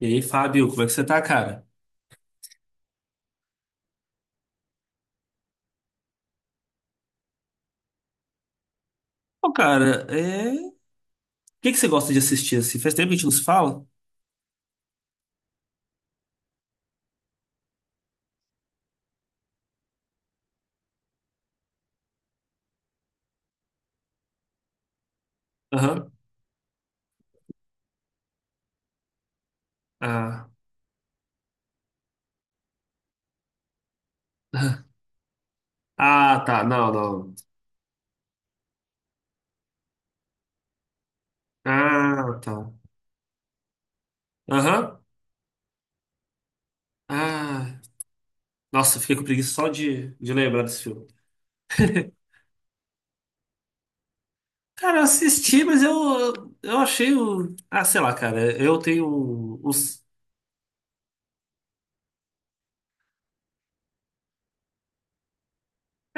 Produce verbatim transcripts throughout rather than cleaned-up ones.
E aí, Fábio, como é que você tá, cara? Pô, cara, é... o que que você gosta de assistir assim? Faz tempo que a gente não se fala? Aham. Ah. Ah, tá. Não, não. Ah, tá. Aham. Ah. Nossa, eu fiquei com preguiça só de, de lembrar desse filme. Cara, eu assisti, mas eu, eu achei o. Ah, sei lá, cara. Eu tenho os.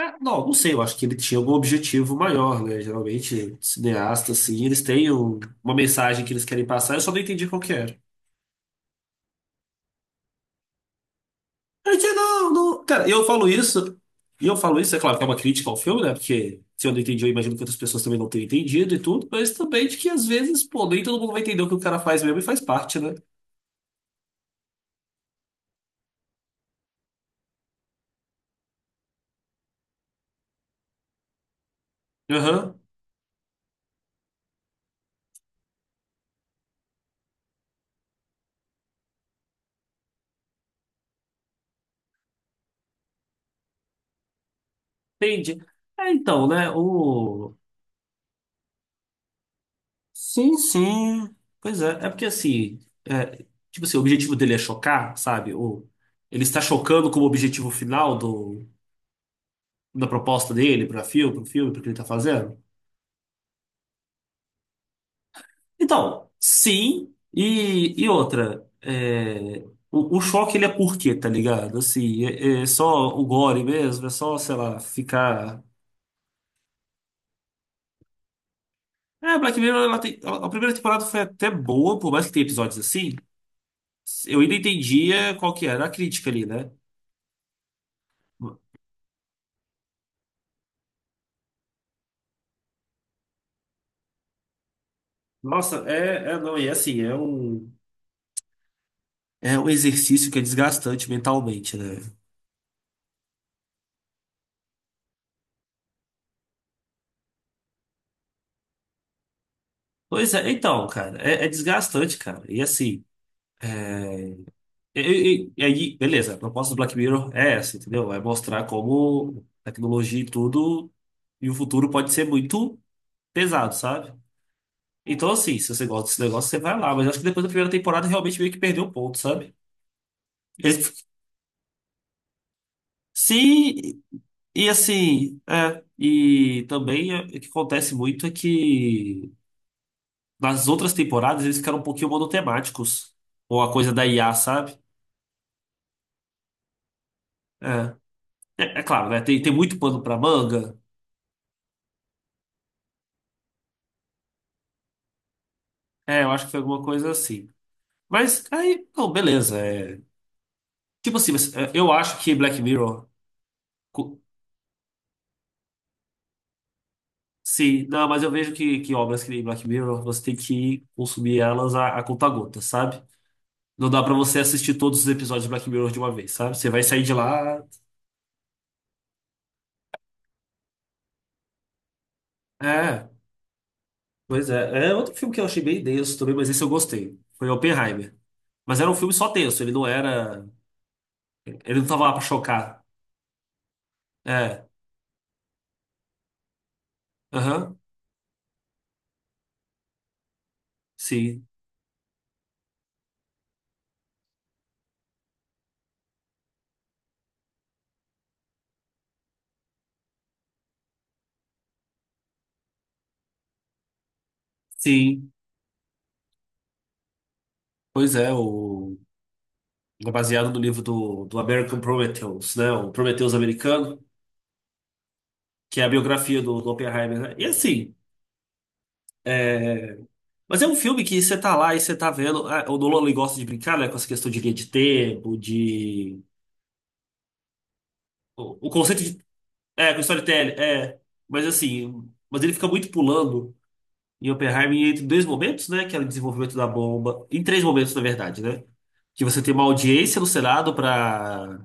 Ah, não, não sei, eu acho que ele tinha algum objetivo maior, né? Geralmente, cineastas, assim, eles têm um- uma mensagem que eles querem passar, eu só não entendi qual que era. Eu disse, não, não. Cara, eu falo isso, e eu falo isso, é claro que é uma crítica ao filme, né? Porque se eu não entendi, eu imagino que outras pessoas também não tenham entendido e tudo, mas também de que às vezes, pô, nem todo mundo vai entender o que o cara faz mesmo e faz parte, né? Aham, entendi. É, então, né? O... Sim, sim. Pois é, é porque assim, é, tipo assim, o objetivo dele é chocar, sabe? O... Ele está chocando como objetivo final do... da proposta dele para filme, pro filme, pro que ele tá fazendo. Então, sim, e, e outra, é, o, o choque ele é por quê, tá ligado? Assim, é, é só o gore mesmo, é só, sei lá, ficar. É, Black Mirror, ela tem- a a primeira temporada foi até boa, por mais que tenha episódios assim, eu ainda entendia qual que era a crítica ali, né? Nossa, é, é, não, e assim, é um, é um exercício que é desgastante mentalmente, né? Pois é, então, cara, é, é desgastante, cara, e assim. E, e- e aí, beleza, a proposta do Black Mirror é essa, entendeu? Vai mostrar como tecnologia e tudo, e o futuro pode ser muito pesado, sabe? Então, assim, se você gosta desse negócio, você vai lá. Mas eu acho que depois da primeira temporada realmente meio que perdeu o ponto, sabe? Eles- Sim, e assim, é, e também é, o que acontece muito é que nas outras temporadas eles ficaram um pouquinho monotemáticos, ou a coisa da I A, sabe? É, é, é claro, né? Tem, tem muito pano pra manga. É, eu acho que foi alguma coisa assim. Mas aí, não, beleza. é. tipo assim, mas, é, eu acho que Black Mirror. cu- Sim, não, mas eu vejo que, que obras que nem Black Mirror você tem que consumir elas a, a conta-gota, sabe? Não dá pra você assistir todos os episódios de Black Mirror de uma vez, sabe? Você vai sair de lá. É, pois é. É outro filme que eu achei bem denso também, mas esse eu gostei. Foi Oppenheimer. Mas era um filme só tenso, ele não era. Ele não tava lá pra chocar. É, aham, sim, sim. Pois é, o. É baseado no livro do, do American Prometheus, né? O Prometheus americano, que é a biografia do, do Oppenheimer, né? E assim, é... mas é um filme que você tá lá e você tá vendo. Ah, o Nolan ele gosta de brincar, né? Com essa questão de linha de tempo, de. O, o conceito de. É, com storytelling, é. Mas assim, mas ele fica muito pulando em Oppenheimer entre dois momentos, né? Que é o desenvolvimento da bomba. Em três momentos, na verdade, né? Que você tem uma audiência no Senado para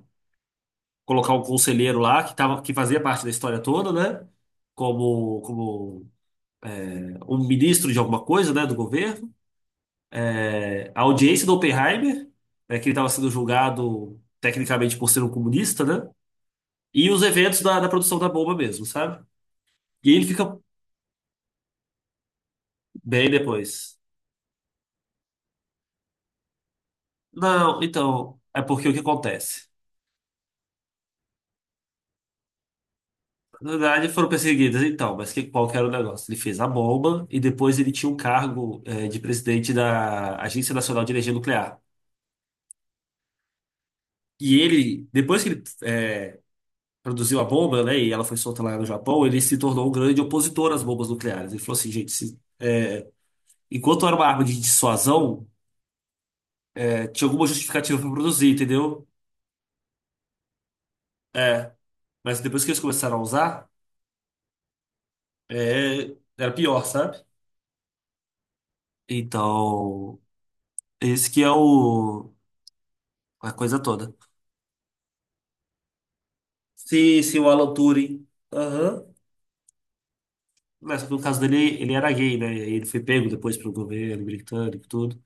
colocar um conselheiro lá que tava, que fazia parte da história toda, né? Como, como é, um ministro de alguma coisa, né, do governo. É, a audiência do Oppenheimer, né, que ele estava sendo julgado tecnicamente por ser um comunista, né? E os eventos da, da produção da bomba mesmo, sabe? E ele fica bem depois. Não, então, é porque o que acontece? Na verdade, foram perseguidas, então, mas que, qual que era o negócio? Ele fez a bomba e depois ele tinha um cargo, eh, de presidente da Agência Nacional de Energia Nuclear. E ele, depois que ele é, produziu a bomba, né, e ela foi solta lá no Japão, ele se tornou um grande opositor às bombas nucleares. Ele falou assim, gente, se- enquanto era uma arma de dissuasão, é, tinha alguma justificativa para produzir, entendeu? É, mas depois que eles começaram a usar, é, era pior, sabe? Então, esse que é o, a coisa toda. Sim, sim, o Alan Turing, aham. Mas só que no caso dele, ele era gay, né? E aí ele foi pego depois pelo governo britânico e tudo.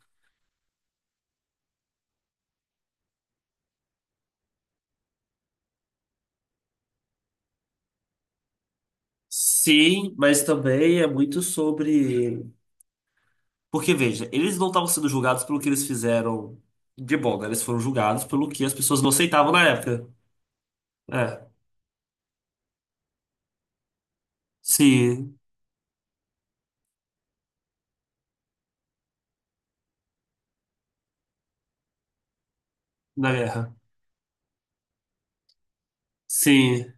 Sim, mas também é muito sobre. Porque, veja, eles não estavam sendo julgados pelo que eles fizeram de bom, né? Eles foram julgados pelo que as pessoas não aceitavam na época. É. Sim, na guerra. Sim,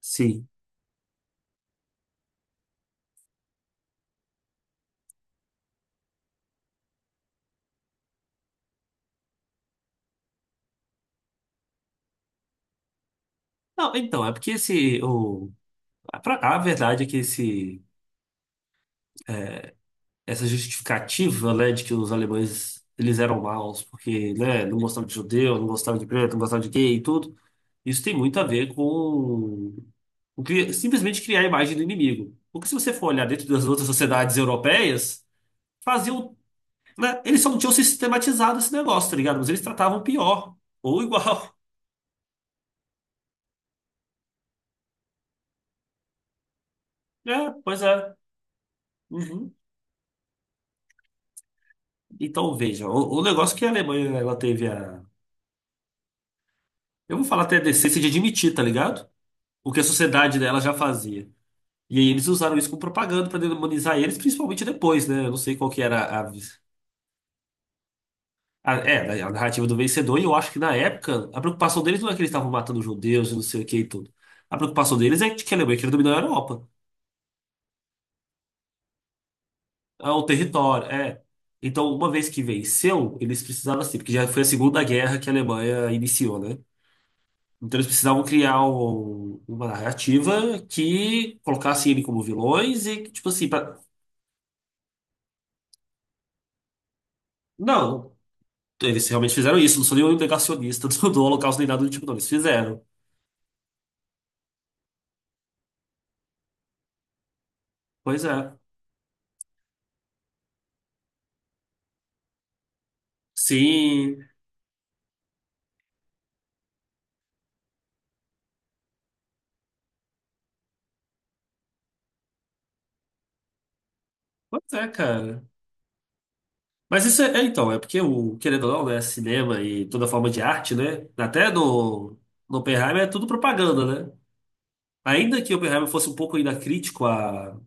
sim. Não, então, é porque esse. O... A pra- a verdade é que esse... essa justificativa, né, de que os alemães eles eram maus porque, né, não gostavam de judeu, não gostavam de preto, não gostavam de gay e tudo, isso tem muito a ver com. O que- simplesmente criar a imagem do inimigo. Porque se você for olhar dentro das outras sociedades europeias, faziam, né, eles só não tinham sistematizado esse negócio, tá ligado? Mas eles tratavam pior ou igual. É, pois é. Uhum. Então veja, o, o negócio que a Alemanha ela teve a, eu vou falar até a decência de admitir, tá ligado? O que a sociedade dela já fazia. E aí eles usaram isso como propaganda para demonizar eles, principalmente depois, né? Eu não sei qual que era a, A- É, da- a narrativa do vencedor, e eu acho que na época a preocupação deles não é que eles estavam matando judeus e não sei o que e tudo. A preocupação deles é que a Alemanha queria dominar a Europa, é o território, é. Então, uma vez que venceu, eles precisavam assim, porque já foi a Segunda Guerra que a Alemanha iniciou, né? Então eles precisavam criar um- uma narrativa que colocasse ele como vilões e, que, tipo assim, pra... não, eles realmente fizeram isso, não sou nenhum negacionista do, do Holocausto nem nada do tipo, não, eles fizeram. Pois é. Sim, pois é, cara. Mas isso é, é, então, é porque o, querendo ou não, né, cinema e toda forma de arte, né? Até no, no Oppenheimer é tudo propaganda, né? Ainda que o Oppenheimer fosse um pouco ainda crítico à,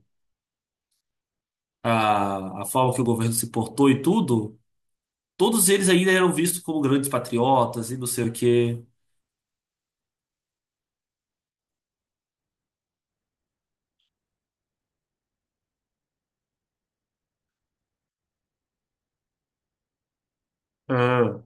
à, à forma que o governo se portou e tudo, todos eles ainda eram vistos como grandes patriotas e não sei o quê. Ah.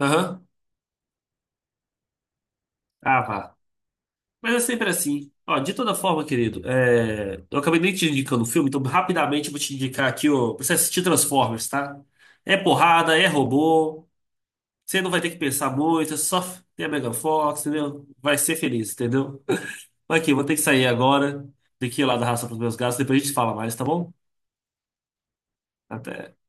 Aham. Ah, vá. Mas é sempre assim. Ó, de toda forma, querido, é, eu acabei nem te indicando o filme, então rapidamente eu vou te indicar aqui, ó, pra você assistir Transformers, tá? É porrada, é robô. Você não vai ter que pensar muito, é só ter a Megan Fox, entendeu? Vai ser feliz, entendeu? Mas aqui, vou ter que sair agora. Daqui lá da raça pros meus gatos, depois a gente fala mais, tá bom? Até.